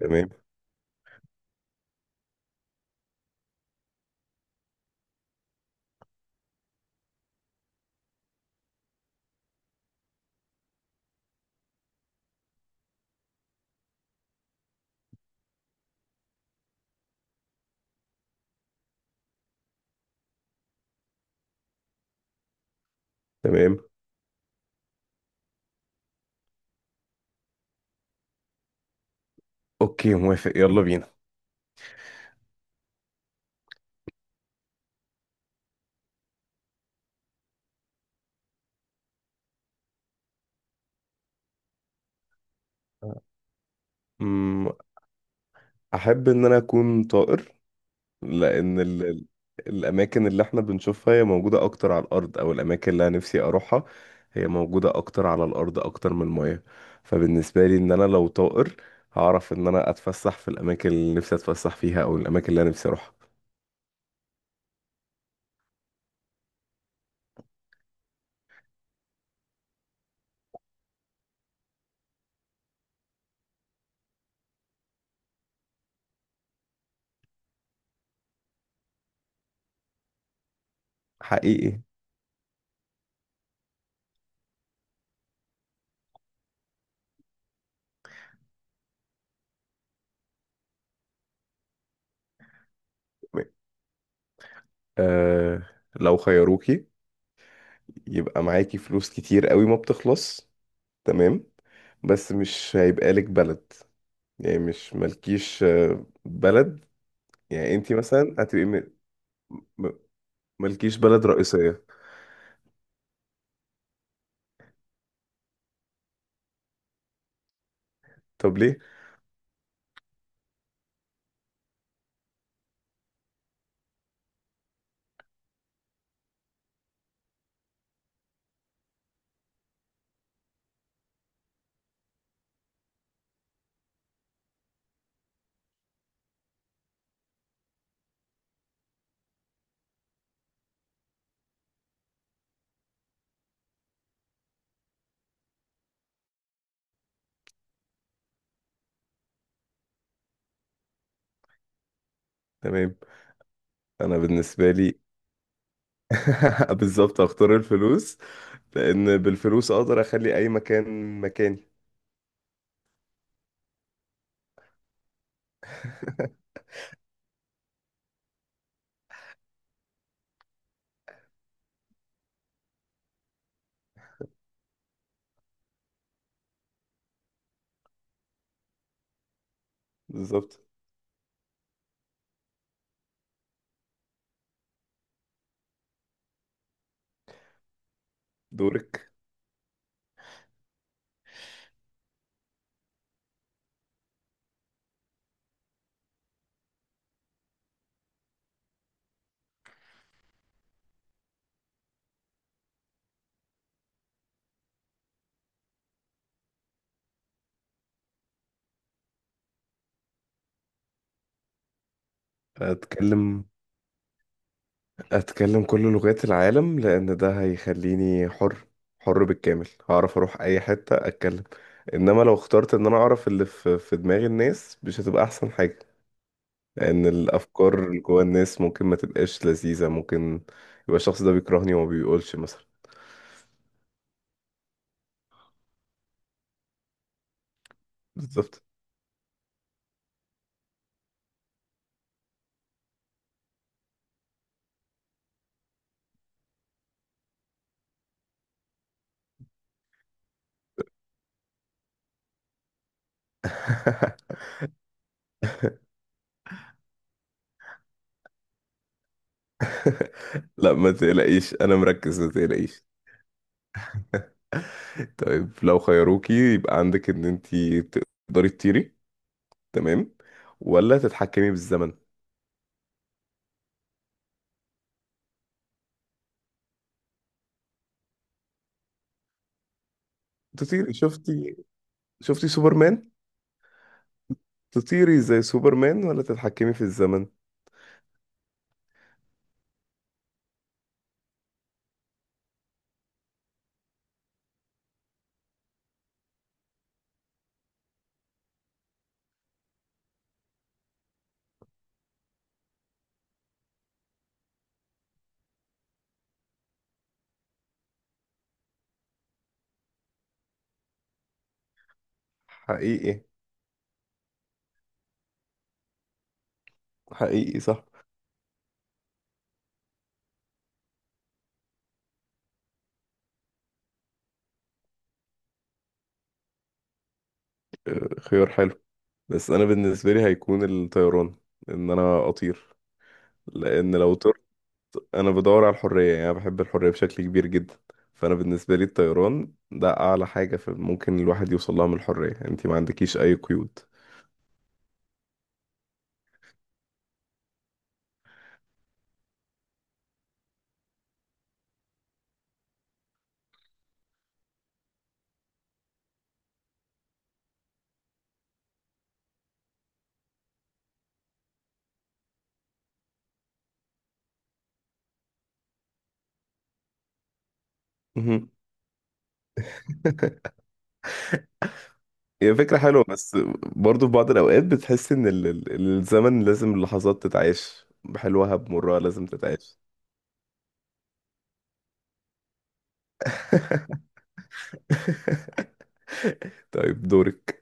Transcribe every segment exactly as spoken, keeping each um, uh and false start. تمام تمام. اوكي، موافق، يلا بينا. أمم، احب ان انا اكون طائر، لان ال... ال- الاماكن اللي احنا بنشوفها هي موجودة اكتر على الارض، او الاماكن اللي انا نفسي اروحها هي موجودة اكتر على الارض اكتر من المياه. فبالنسبة لي، ان انا لو طائر، هعرف ان انا اتفسح في الاماكن اللي نفسي اتفسح فيها او الاماكن اللي انا نفسي اروحها. حقيقي. آه لو خيروكي يبقى معاكي فلوس كتير قوي ما بتخلص، تمام، بس مش هيبقى لك بلد، يعني مش مالكيش آه، بلد، يعني انتي مثلا هتبقي م- م- مالكيش بلد رئيسية. طب ليه؟ تمام. انا بالنسبة لي بالظبط هختار الفلوس، لان بالفلوس اقدر اخلي اي مكان مكاني. بالظبط. دورك. هتكلم، اتكلم كل لغات العالم، لان ده هيخليني حر، حر بالكامل، هعرف اروح اي حتة اتكلم. انما لو اخترت ان انا اعرف اللي في في دماغ الناس، مش هتبقى احسن حاجة، لان الافكار اللي جوه الناس ممكن ما تبقاش لذيذة، ممكن يبقى الشخص ده بيكرهني وما بيقولش مثلا. بالظبط. لا، ما تقلقيش، انا مركز، ما تقلقيش. طيب، لو خيروكي يبقى عندك ان انتي تقدري تطيري، تمام، ولا تتحكمي بالزمن؟ تطيري، شفتي شفتي سوبرمان؟ تطيري زي سوبرمان ولا تتحكمي في الزمن؟ حقيقي. حقيقي صح. آه، خيار حلو. بس انا بالنسبه لي هيكون الطيران، ان انا اطير، لان لو طرت انا بدور على الحريه، يعني انا بحب الحريه بشكل كبير جدا. فانا بالنسبه لي الطيران ده اعلى حاجه في- ممكن الواحد يوصل لها من الحريه، انت ما عندكيش اي قيود. مهم. هي فكرة حلوة، بس برضه في بعض الأوقات بتحس إن ال- ال- الزمن لازم اللحظات تتعاش بحلوها بمرها لازم تتعاش. طيب، دورك.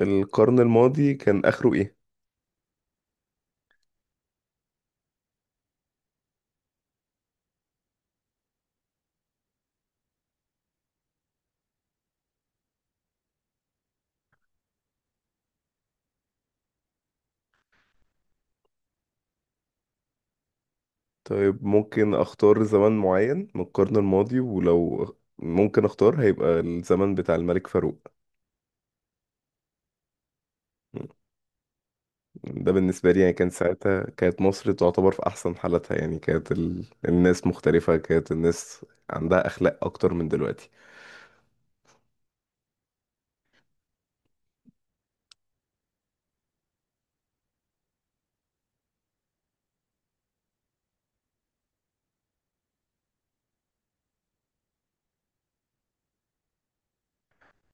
القرن الماضي كان آخره إيه؟ طيب، ممكن أختار زمن معين من القرن الماضي، ولو ممكن أختار هيبقى الزمن بتاع الملك فاروق. ده بالنسبة لي يعني كان ساعتها كانت مصر تعتبر في أحسن حالتها، يعني كانت ال... الناس مختلفة، كانت الناس عندها أخلاق أكتر من دلوقتي.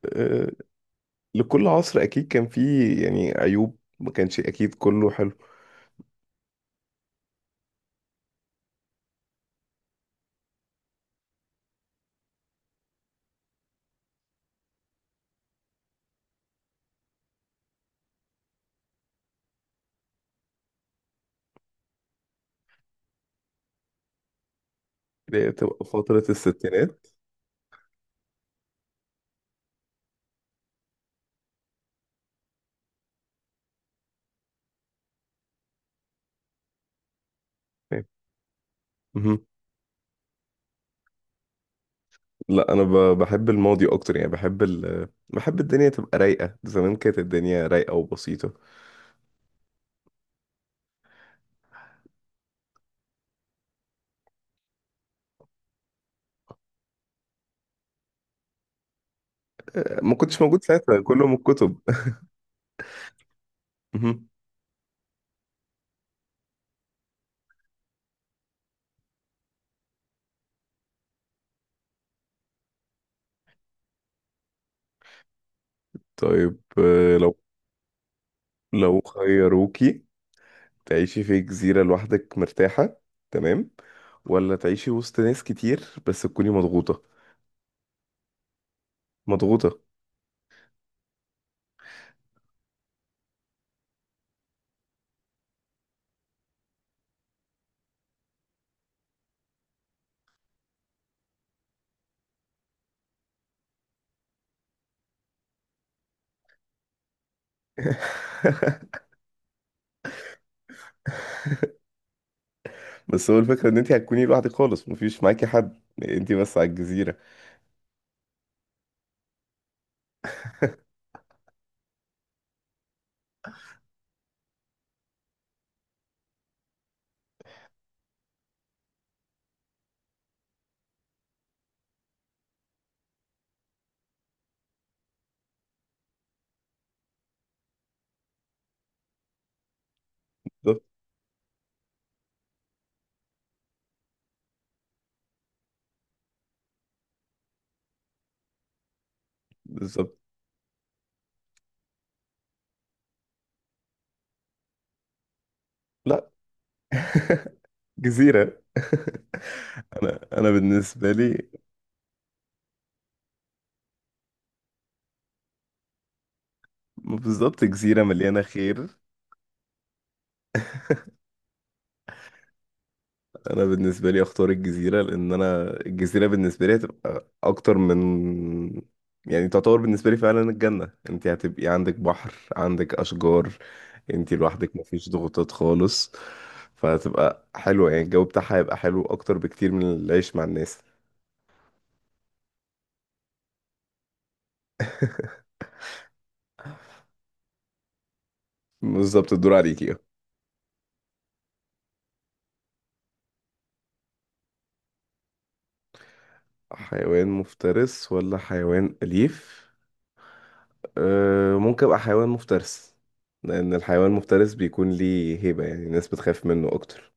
أه... لكل عصر أكيد كان فيه يعني عيوب، ما كانش أكيد كله حلو. اللي هي بتبقى فترة الستينات. أه، مهم. لا، انا ب- بحب الماضي اكتر، يعني بحب ال... بحب الدنيا تبقى رايقه، زمان كانت الدنيا رايقه وبسيطه، ما كنتش موجود ساعتها، كله من الكتب. مهم. طيب، آه، لو لو خيروكي تعيشي في جزيره لوحدك مرتاحه، تمام، ولا تعيشي وسط ناس كتير بس تكوني مضغوطه؟ مضغوطه. بس هو الفكره ان انت هتكوني لوحدك خالص، مفيش معاكي حد، انت بس على الجزيره. بالظبط بالظبط. لا. جزيره. انا بالنسبه لي. بالظبط. جزيرة مليانة خير. أنا بالنسبة لي أختار الجزيرة، لأن أنا الجزيرة بالنسبة لي هتبقى أكتر من، يعني تعتبر بالنسبة لي فعلا الجنة. أنت هتبقي عندك بحر، عندك أشجار، أنت لوحدك، مفيش ضغوطات خالص، فهتبقى حلوة يعني الجو بتاعها هيبقى حلو أكتر بكتير من العيش مع الناس. بالظبط. الدور عليكي. حيوان مفترس ولا حيوان أليف؟ أه، ممكن ابقى حيوان مفترس، لان الحيوان المفترس بيكون ليه هيبة، يعني الناس بتخاف منه اكتر.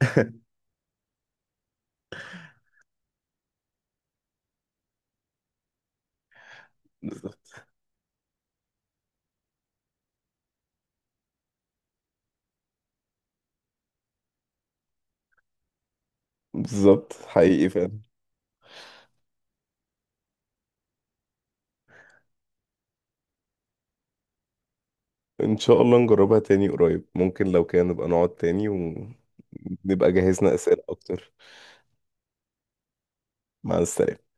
بالظبط. بالظبط حقيقي فعلا. ان شاء الله نجربها تاني قريب، ممكن لو كان نبقى نقعد تاني ونبقى جهزنا اسئلة اكتر. مع السلامة.